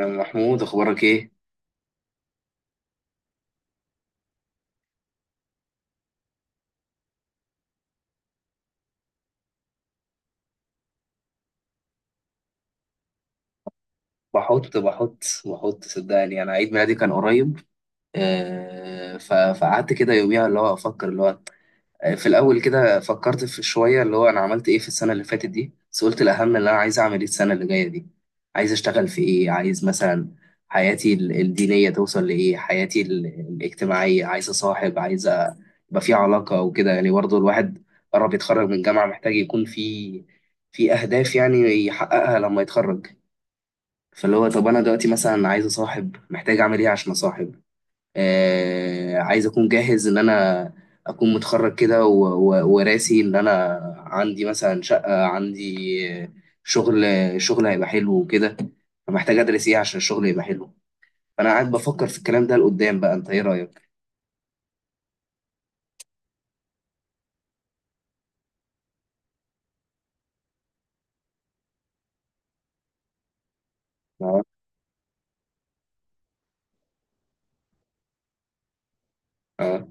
يا عم محمود، اخبارك ايه؟ بحط بحط بحط، صدقني انا عيد ميلادي كان قريب. فقعدت كده يوميها اللي هو افكر اللي هو. في الاول كده فكرت في شويه، اللي هو انا عملت ايه في السنه اللي فاتت دي، بس قلت الاهم اللي انا عايز اعمل ايه السنه اللي جايه دي. عايز اشتغل في ايه، عايز مثلا حياتي الدينيه توصل لايه، حياتي الاجتماعيه، عايز اصاحب، يبقى في علاقه وكده. يعني برضه الواحد قرب يتخرج من الجامعه محتاج يكون في اهداف يعني يحققها لما يتخرج. فاللي هو، طب انا دلوقتي مثلا عايز اصاحب، محتاج اعمل ايه عشان اصاحب؟ عايز اكون جاهز ان انا اكون متخرج كده، وراسي ان انا عندي مثلا شقة، عندي آه، شغل، شغل هيبقى حلو وكده. فمحتاج ادرس ايه عشان الشغل يبقى حلو. فانا قاعد بفكر في الكلام ده لقدام. بقى انت ايه رايك؟ اه، اه،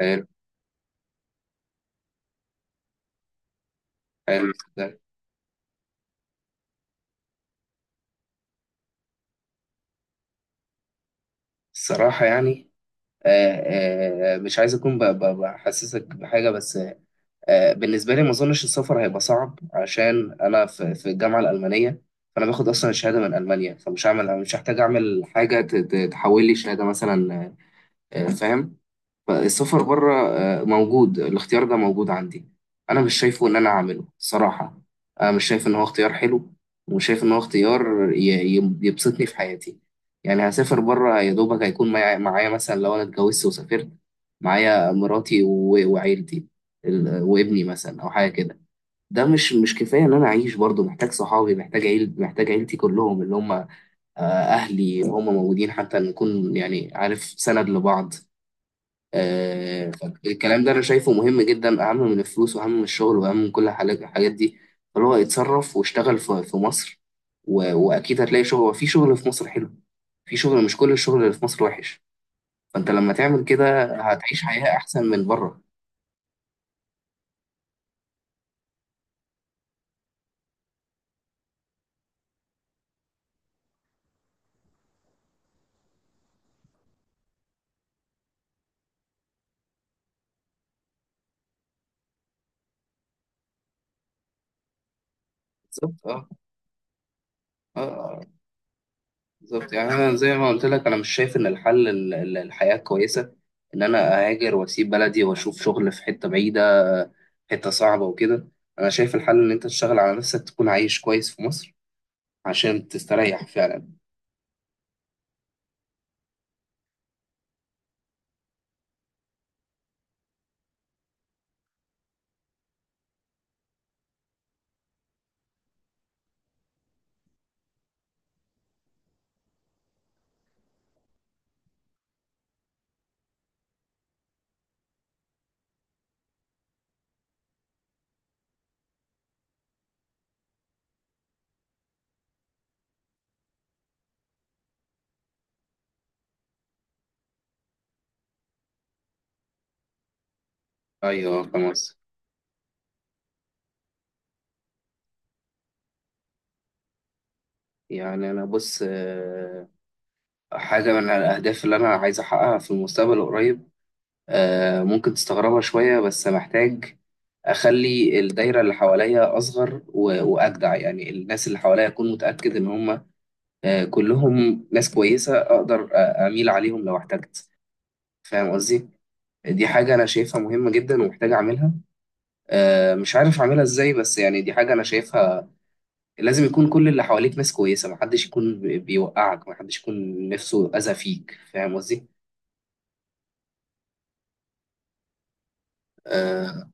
حلو، حلو ده. الصراحة يعني، مش عايز اكون بحسسك بحاجة، بس. بالنسبة لي، ما أظنش السفر هيبقى صعب عشان أنا في الجامعة الألمانية. فأنا باخد أصلا الشهادة من ألمانيا، فمش هعمل، مش هحتاج أعمل حاجة تحول لي شهادة مثلا. فاهم. فالسفر بره موجود، الاختيار ده موجود عندي. انا مش شايفه ان انا اعمله صراحة، انا مش شايف ان هو اختيار حلو، ومش شايف ان هو اختيار يبسطني في حياتي. يعني هسافر بره يا دوبك هيكون معايا مثلا، لو انا اتجوزت وسافرت معايا مراتي و- وعيلتي وابني مثلا او حاجة كده. ده مش كفاية ان انا اعيش برضه، محتاج صحابي، محتاج عيل، محتاج عيلتي كلهم اللي هم اهلي، هم موجودين حتى نكون يعني، عارف، سند لبعض. فالكلام ده انا شايفه مهم جدا، اهم من الفلوس واهم من الشغل واهم من كل الحاجات دي. فهو يتصرف واشتغل في مصر، و- واكيد هتلاقي شغل، في شغل في مصر حلو، في شغل، مش كل الشغل اللي في مصر وحش. فانت لما تعمل كده هتعيش حياة احسن من بره. بالظبط، اه، اه، بالظبط. يعني انا زي ما قلت لك، انا مش شايف ان الحل الحياة كويسة ان انا اهاجر واسيب بلدي واشوف شغل في حتة بعيدة، حتة صعبة وكده. انا شايف الحل ان انت تشتغل على نفسك، تكون عايش كويس في مصر عشان تستريح فعلا. ايوه، فاهم قصدك. يعني انا بص، حاجه من الاهداف اللي انا عايز احققها في المستقبل القريب، ممكن تستغربها شويه، بس محتاج اخلي الدايره اللي حواليا اصغر و- واجدع. يعني الناس اللي حواليا اكون متاكد ان هم كلهم ناس كويسه، اقدر اميل عليهم لو احتجت. فاهم قصدي؟ دي حاجه انا شايفها مهمه جدا ومحتاج اعملها. مش عارف اعملها ازاي، بس يعني دي حاجه انا شايفها لازم. يكون كل اللي حواليك ناس كويسة، محدش يكون بيوقعك، محدش يكون نفسه أذى فيك. فاهم قصدي؟ آه.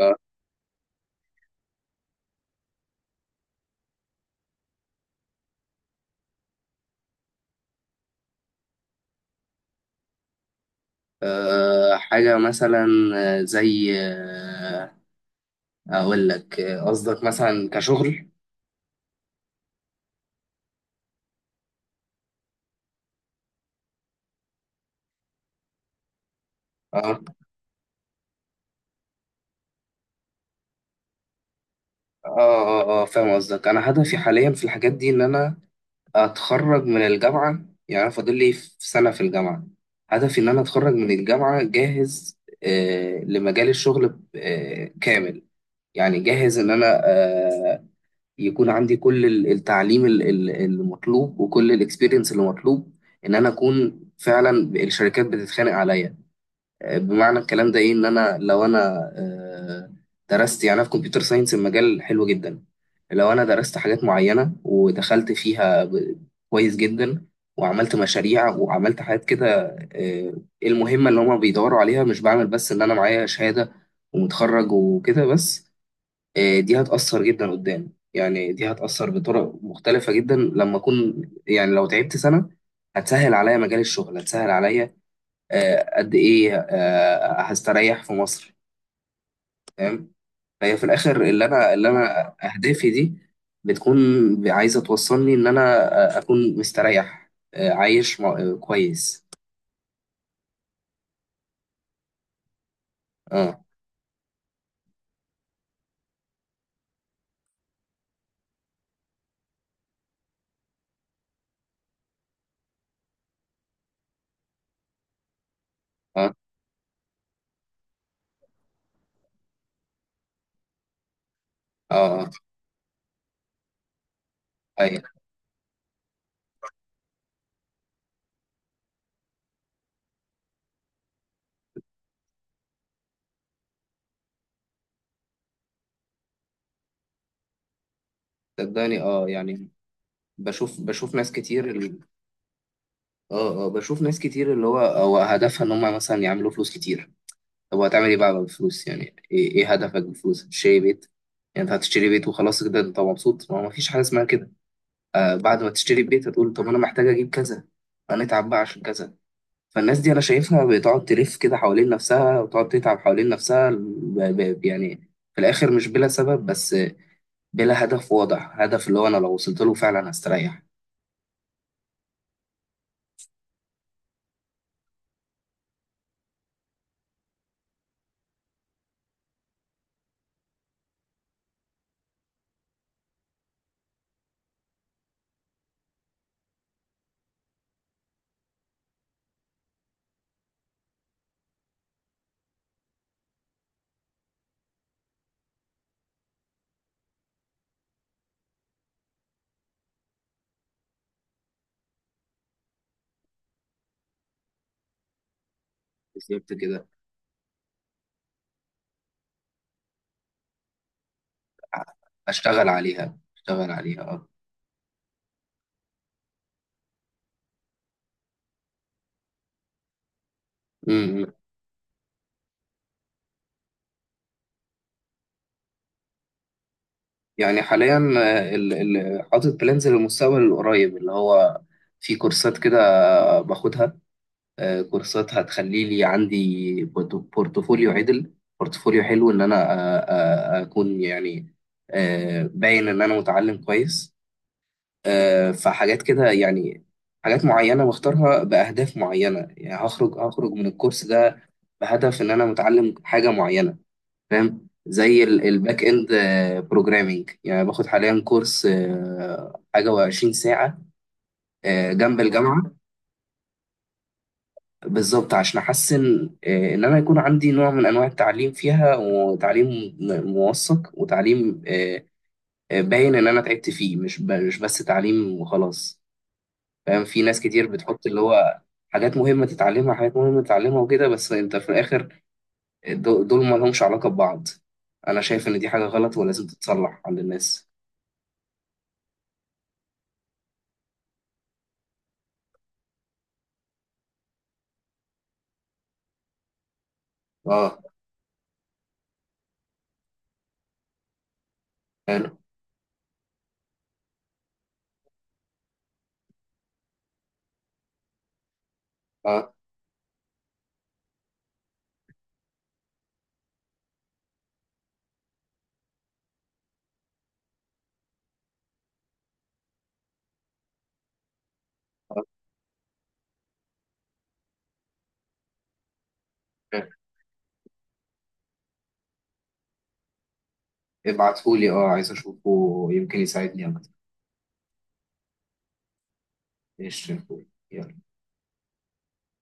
آه. حاجة مثلا، زي، أقول لك، قصدك مثلا كشغل؟ اه، اه، اه، فاهم قصدك. أنا هدفي حاليا في الحاجات دي إن أنا أتخرج من الجامعة، يعني أنا فاضل لي في سنة في الجامعة. هدفي إن أنا أتخرج من الجامعة جاهز لمجال الشغل كامل. يعني جاهز ان انا يكون عندي كل التعليم المطلوب وكل الاكسبيرينس اللي مطلوب، ان انا اكون فعلا الشركات بتتخانق عليا. بمعنى الكلام ده ايه؟ ان انا لو انا آه، درست، يعني أنا في كمبيوتر ساينس، المجال حلو جدا. لو انا درست حاجات معينة ودخلت فيها كويس جدا، وعملت مشاريع وعملت حاجات كده، آه، المهمة اللي هما بيدوروا عليها، مش بعمل بس ان انا معايا شهادة ومتخرج وكده بس. دي هتأثر جدا قدام، يعني دي هتأثر بطرق مختلفة جدا لما أكون، يعني لو تعبت سنة هتسهل عليا مجال الشغل، هتسهل عليا قد إيه هستريح في مصر. فاهم؟ فهي في الآخر، اللي أنا أهدافي دي بتكون عايزة توصلني إن أنا أكون مستريح، عايش كويس. أه، أه، أه، آه. أيوة، صدقني، أه يعني بشوف ناس كتير، اه، اه، بشوف ناس كتير اللي هو هدفها ان هم مثلا يعملوا فلوس كتير. طب وهتعمل ايه بقى بالفلوس؟ يعني ايه، إيه هدفك بالفلوس؟ تشتري بيت؟ يعني انت هتشتري بيت وخلاص كده انت مبسوط؟ ما هو مفيش حاجه اسمها كده. بعد ما تشتري البيت هتقول طب انا محتاج اجيب كذا، انا اتعب بقى عشان كذا. فالناس دي انا شايفها بتقعد تلف كده حوالين نفسها وتقعد تتعب حوالين نفسها، يعني في الاخر مش بلا سبب، بس بلا هدف واضح، هدف اللي هو انا لو وصلت له فعلا هستريح. بالظبط كده، اشتغل عليها، اشتغل عليها. آه. امم. يعني حاليا حاطط بلانز للمستقبل القريب، اللي هو في كورسات كده باخدها. كورسات هتخلي لي عندي بورتفوليو عدل، بورتفوليو حلو ان انا اكون يعني باين ان انا متعلم كويس. فحاجات كده يعني، حاجات معينة بختارها بأهداف معينة. يعني هخرج من الكورس ده بهدف ان انا متعلم حاجة معينة. فاهم؟ زي الباك اند بروجرامينج. يعني باخد حاليا كورس حاجه و20 ساعه، جنب الجامعه. بالظبط، عشان احسن ان انا يكون عندي نوع من انواع التعليم فيها، وتعليم موثق، وتعليم باين ان انا تعبت فيه، مش مش بس تعليم وخلاص. فاهم؟ في ناس كتير بتحط اللي هو حاجات مهمه تتعلمها، حاجات مهمه تتعلمها وكده، بس انت في الاخر دول ما لهمش علاقه ببعض. انا شايف ان دي حاجه غلط ولازم تتصلح عند الناس. اه، حلو، اه، اه، ابعتهولي، اه، عايز اشوفه، يمكن يساعدني اكتر. ايش؟ يلا.